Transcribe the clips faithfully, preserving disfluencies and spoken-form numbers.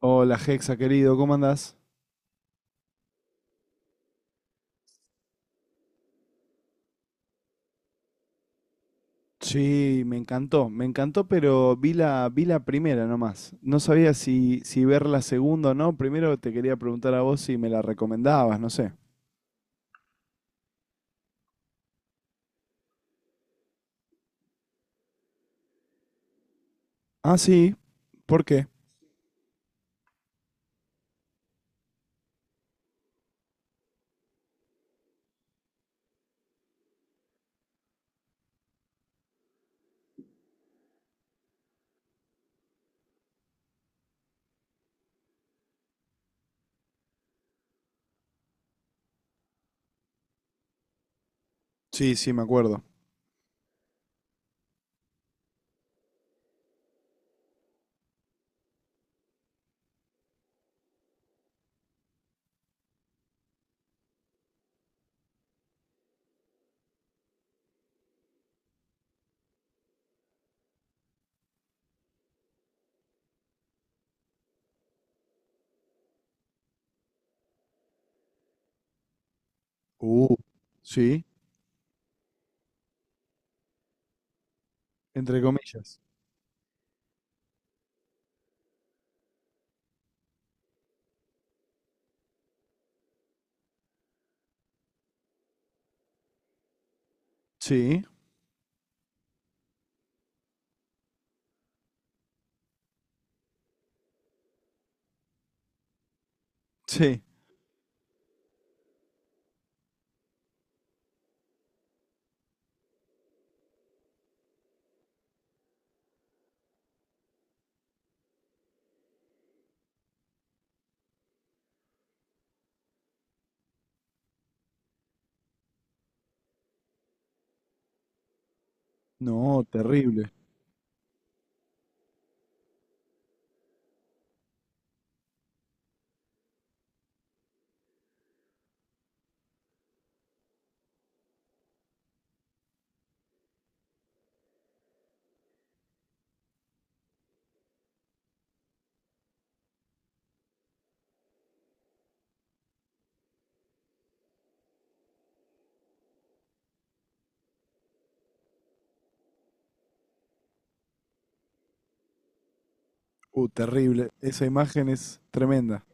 Hola, Hexa, querido, ¿cómo andás? Sí, me encantó, me encantó, pero vi la, vi la primera nomás. No sabía si, si ver la segunda o no. Primero te quería preguntar a vos si me la recomendabas, no sé. Ah, sí, ¿por qué? Sí, sí, me acuerdo. Uh, sí, entre comillas. Sí, sí. No, terrible. Uh, terrible. Esa imagen es tremenda.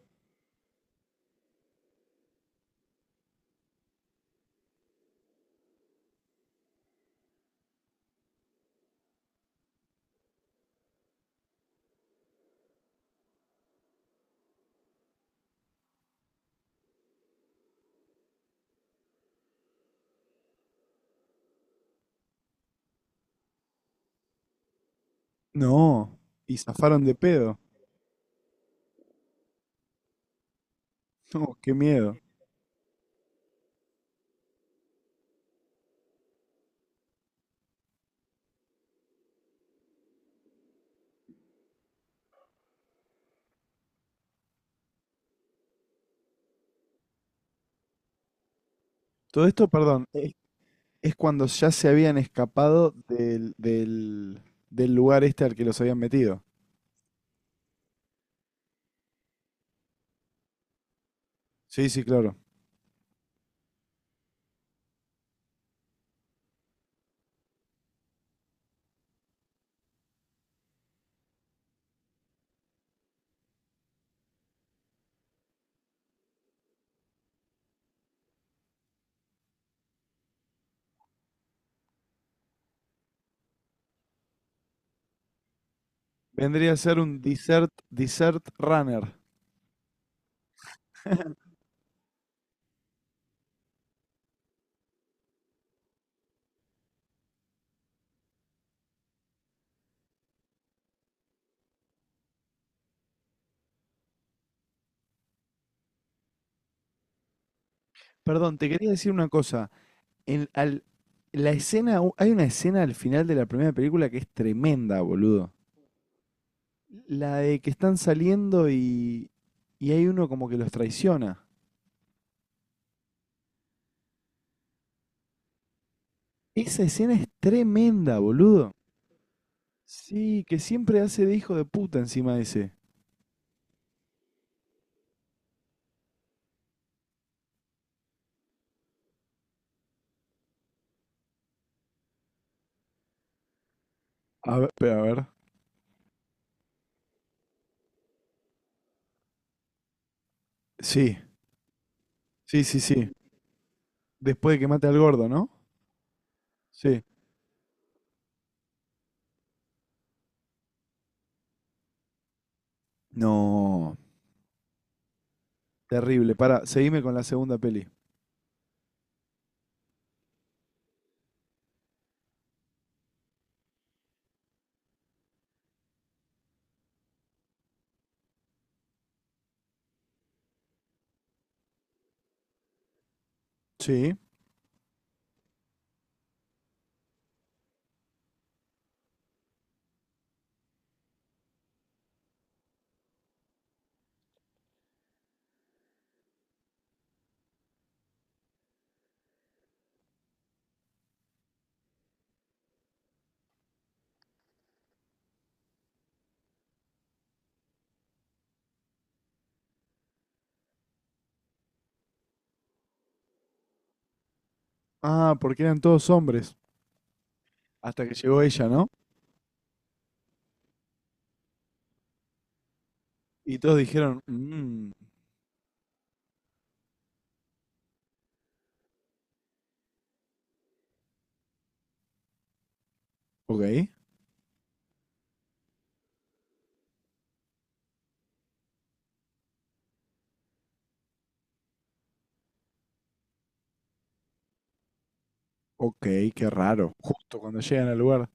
No, y zafaron de pedo. No, qué miedo. Todo esto, perdón. Es cuando ya se habían escapado del, del, del, lugar este al que los habían metido. Sí, sí, claro. Vendría a ser un desert, desert runner. Perdón, te quería decir una cosa. En al- la escena, u- hay una escena al final de la primera película que es tremenda, boludo. La de que están saliendo y, y hay uno como que los traiciona. Esa escena es tremenda, boludo. Sí, que siempre hace de hijo de puta encima de ese. A ver, espera, a ver. Sí. Sí, sí, sí. Después de que mate al gordo, ¿no? Sí. No, terrible. Para, seguime con la segunda peli. Sí. Ah, porque eran todos hombres. Hasta que llegó ella, ¿no? Y todos dijeron, mmm, ok, ok, qué raro. Justo cuando llegan al lugar.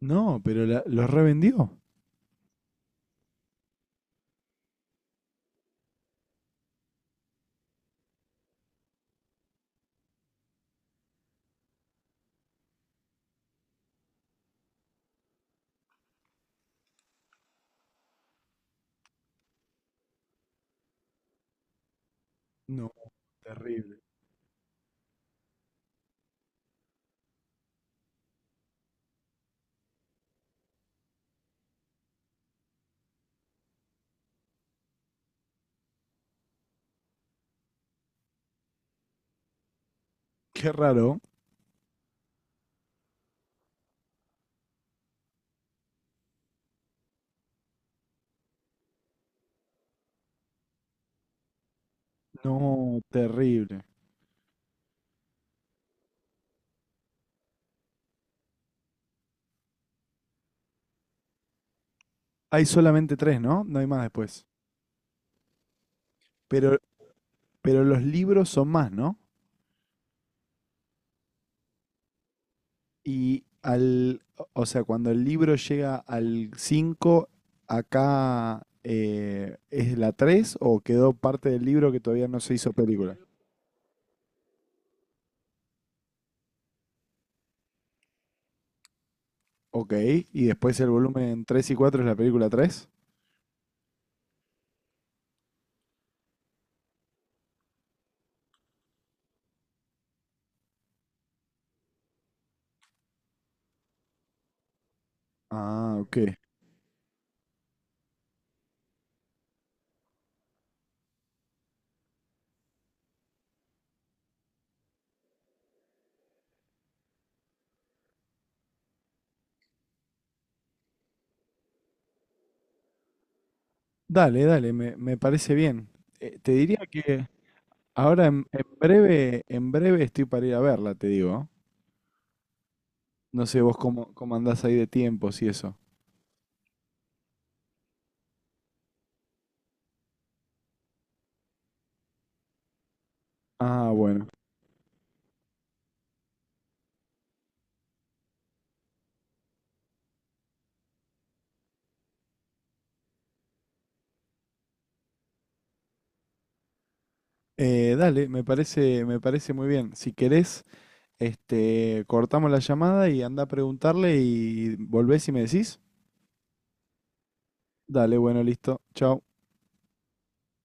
No, pero la- los revendió. No, terrible. Qué raro. No, terrible. Hay solamente tres, ¿no? No hay más después. Pero, pero los libros son más, ¿no? Y al, o sea, cuando el libro llega al cinco acá eh, es la tres o quedó parte del libro que todavía no se hizo película. Ok, y después el volumen tres y cuatro es la película tres. Ah, ok. Dale, dale, me, me parece bien. Eh, te diría que ahora en, en breve, en breve estoy para ir a verla, te digo. No sé vos cómo, cómo andás ahí de tiempos y eso. Ah, bueno. Eh, dale, me parece, me parece muy bien. Si querés, este, cortamos la llamada y anda a preguntarle y volvés y me decís. Dale, bueno, listo. Chao.